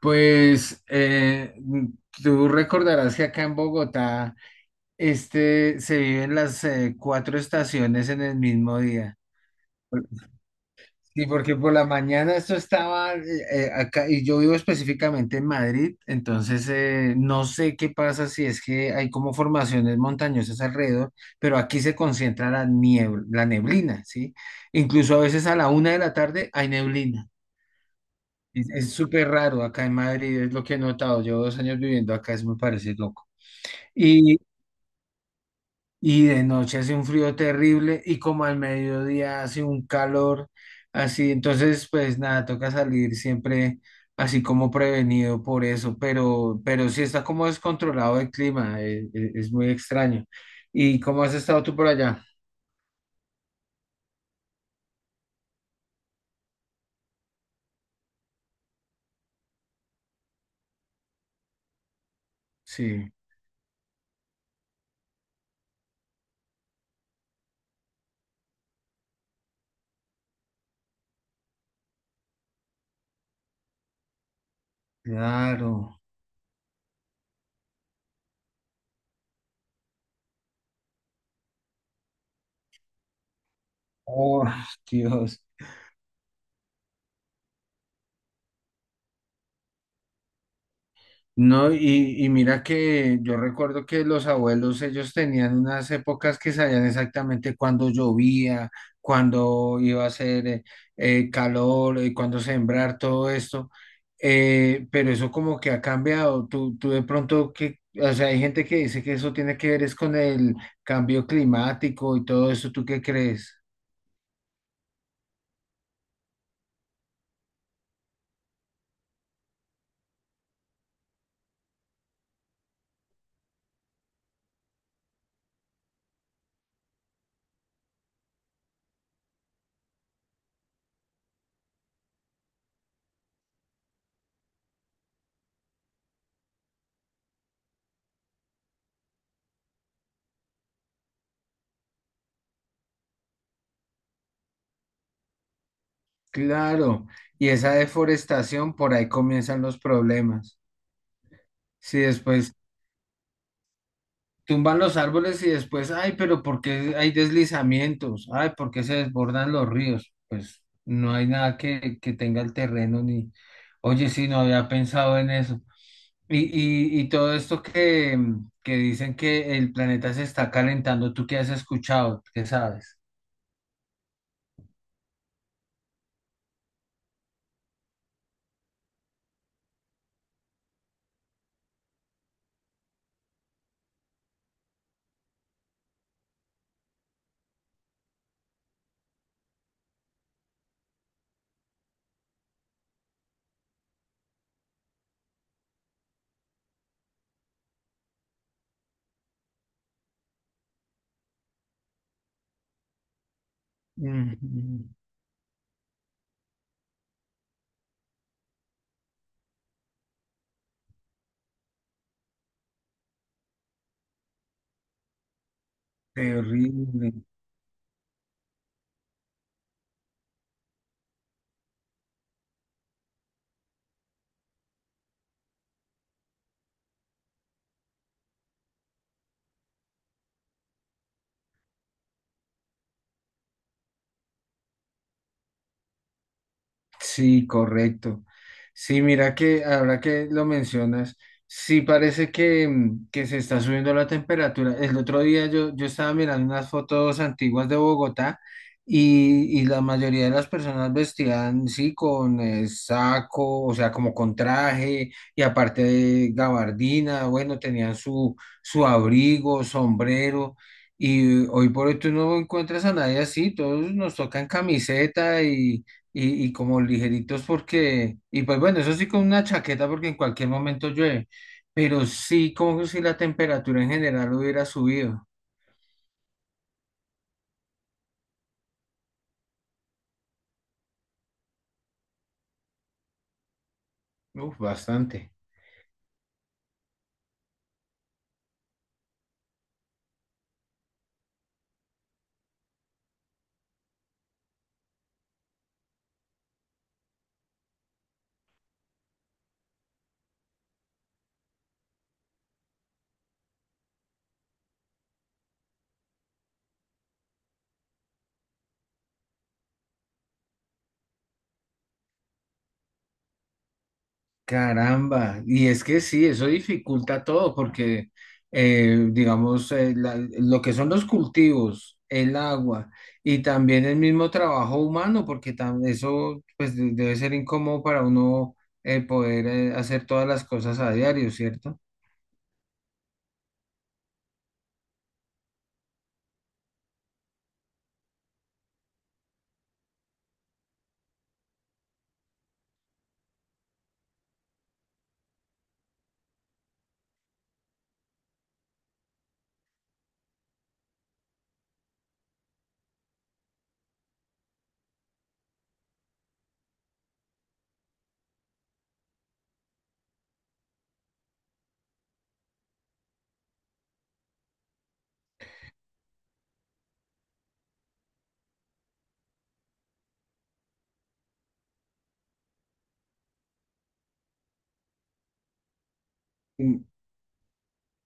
Pues tú recordarás que acá en Bogotá este, se viven las cuatro estaciones en el mismo día. Sí, porque por la mañana esto estaba acá, y yo vivo específicamente en Madrid. Entonces no sé qué pasa, si es que hay como formaciones montañosas alrededor, pero aquí se concentra la niebla, la neblina, ¿sí? Incluso a veces a la 1 de la tarde hay neblina. Es súper raro acá en Madrid, es lo que he notado. Llevo 2 años viviendo acá, eso me parece loco. Y, y de noche hace un frío terrible y como al mediodía hace un calor así. Entonces, pues nada, toca salir siempre así como prevenido por eso, pero sí está como descontrolado el clima, es muy extraño. ¿Y cómo has estado tú por allá? Sí, claro. Oh, Dios. No, y mira que yo recuerdo que los abuelos, ellos tenían unas épocas que sabían exactamente cuándo llovía, cuándo iba a hacer calor, cuándo sembrar, todo esto. Pero eso como que ha cambiado. Tú de pronto que, o sea, hay gente que dice que eso tiene que ver es con el cambio climático y todo eso. ¿Tú qué crees? Claro, y esa deforestación, por ahí comienzan los problemas. Sí, después tumban los árboles y después, ay, pero ¿por qué hay deslizamientos? Ay, ¿por qué se desbordan los ríos? Pues no hay nada que, que tenga el terreno ni, oye, sí, no había pensado en eso. Y, y todo esto que dicen que el planeta se está calentando, ¿tú qué has escuchado? ¿Qué sabes? Ujú. Terrible. Sí, correcto. Sí, mira que ahora que lo mencionas, sí parece que, mm, que se está subiendo la temperatura. El otro día yo estaba mirando unas fotos antiguas de Bogotá y la mayoría de las personas vestían, sí, con saco, o sea, como con traje y aparte de gabardina. Bueno, tenían su, su abrigo, sombrero. Y hoy por hoy tú no encuentras a nadie así, todos nos tocan camiseta y como ligeritos porque, y pues bueno, eso sí con una chaqueta porque en cualquier momento llueve, pero sí como si la temperatura en general hubiera subido. Uf, bastante. Caramba, y es que sí, eso dificulta todo porque, digamos, lo que son los cultivos, el agua y también el mismo trabajo humano, porque eso pues debe ser incómodo para uno poder hacer todas las cosas a diario, ¿cierto?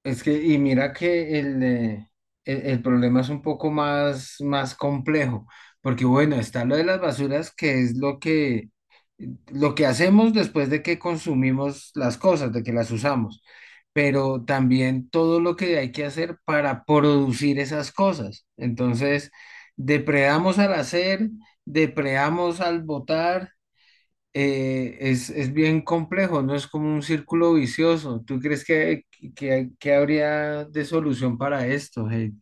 Es que, y mira que el problema es un poco más, más complejo, porque bueno, está lo de las basuras, que es lo que hacemos después de que consumimos las cosas, de que las usamos, pero también todo lo que hay que hacer para producir esas cosas. Entonces, depredamos al hacer, depredamos al botar, es bien complejo, no es como un círculo vicioso. ¿Tú crees que habría de solución para esto, Heidi?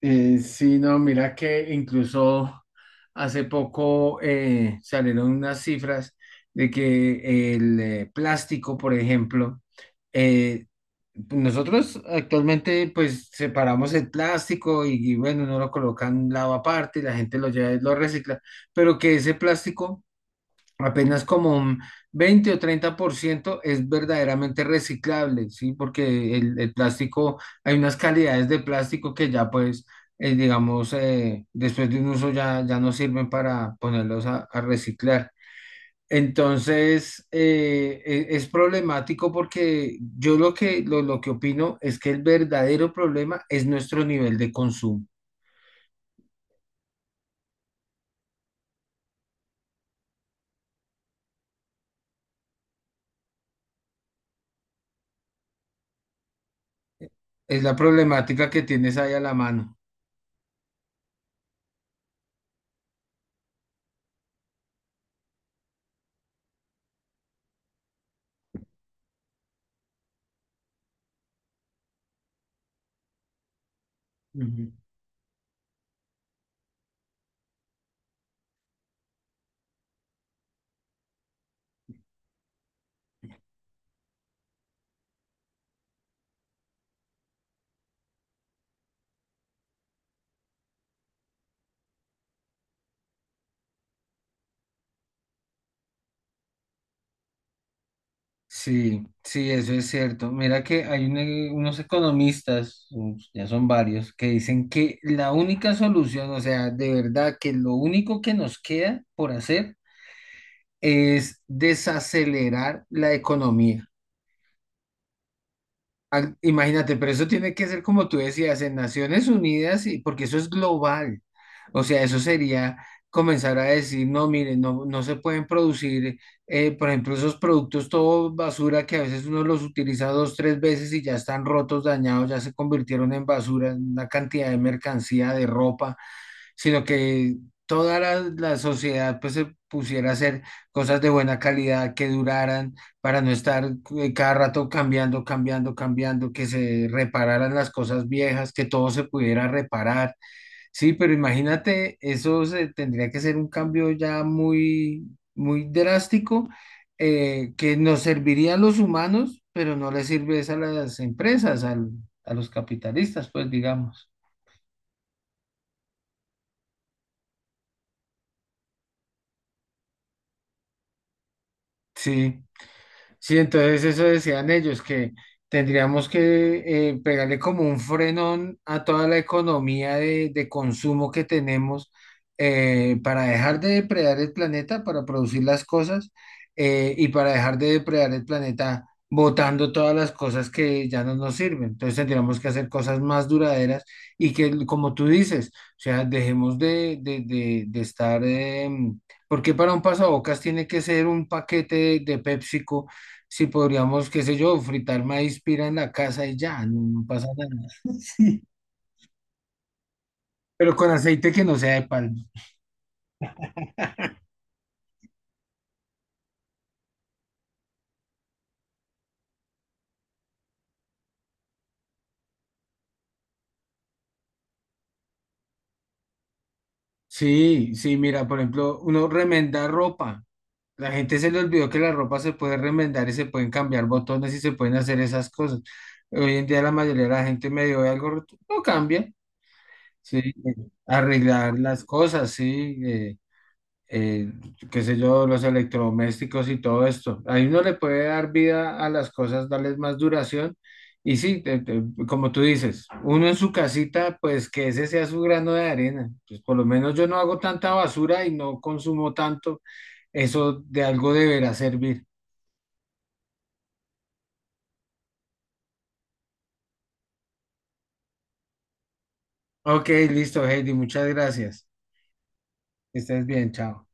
Sí, no, mira que incluso hace poco salieron unas cifras de que el plástico, por ejemplo, eh, nosotros actualmente pues separamos el plástico y, bueno, uno lo coloca en un lado aparte y la gente lo lleva y lo recicla, pero que ese plástico apenas como un 20 o 30% es verdaderamente reciclable, ¿sí? Porque el plástico, hay unas calidades de plástico que ya pues, digamos, después de un uso ya no sirven para ponerlos a reciclar. Entonces, es problemático porque yo lo que opino es que el verdadero problema es nuestro nivel de consumo. Es la problemática que tienes ahí a la mano. Sí, sí, eso es cierto. Mira que hay unos economistas, ya son varios, que dicen que la única solución, o sea, de verdad que lo único que nos queda por hacer es desacelerar la economía. Ah, imagínate, pero eso tiene que ser como tú decías, en Naciones Unidas, y porque eso es global. O sea, eso sería comenzar a decir, no, miren, no, no se pueden producir, por ejemplo, esos productos todo basura que a veces uno los utiliza dos, tres veces y ya están rotos, dañados, ya se convirtieron en basura, en una cantidad de mercancía, de ropa, sino que toda la sociedad pues se pusiera a hacer cosas de buena calidad que duraran para no estar cada rato cambiando, cambiando, cambiando, que se repararan las cosas viejas, que todo se pudiera reparar. Sí, pero imagínate, eso tendría que ser un cambio ya muy, muy drástico, que nos serviría a los humanos, pero no les sirve es a las empresas, a los capitalistas, pues digamos. Sí. Sí, entonces eso decían ellos, que tendríamos que pegarle como un frenón a toda la economía de consumo que tenemos para dejar de depredar el planeta, para producir las cosas y para dejar de depredar el planeta botando todas las cosas que ya no nos sirven. Entonces tendríamos que hacer cosas más duraderas y que, como tú dices, o sea, dejemos de estar... ¿por para un pasabocas tiene que ser un paquete de PepsiCo? Si podríamos, qué sé yo, fritar maíz pira en la casa y ya, no pasa nada. Sí. Pero con aceite que no sea de palma. Sí, sí, mira, por ejemplo, uno remenda ropa. La gente se le olvidó que la ropa se puede remendar y se pueden cambiar botones y se pueden hacer esas cosas. Hoy en día la mayoría de la gente medio ve algo roto, no cambia. Sí, eh, arreglar las cosas, sí. Eh, Qué sé yo, los electrodomésticos y todo esto. Ahí uno le puede dar vida a las cosas, darles más duración. Y sí, como tú dices, uno en su casita, pues que ese sea su grano de arena. Pues por lo menos yo no hago tanta basura y no consumo tanto. Eso de algo deberá servir. Ok, listo, Heidi, muchas gracias. Que estés bien, chao.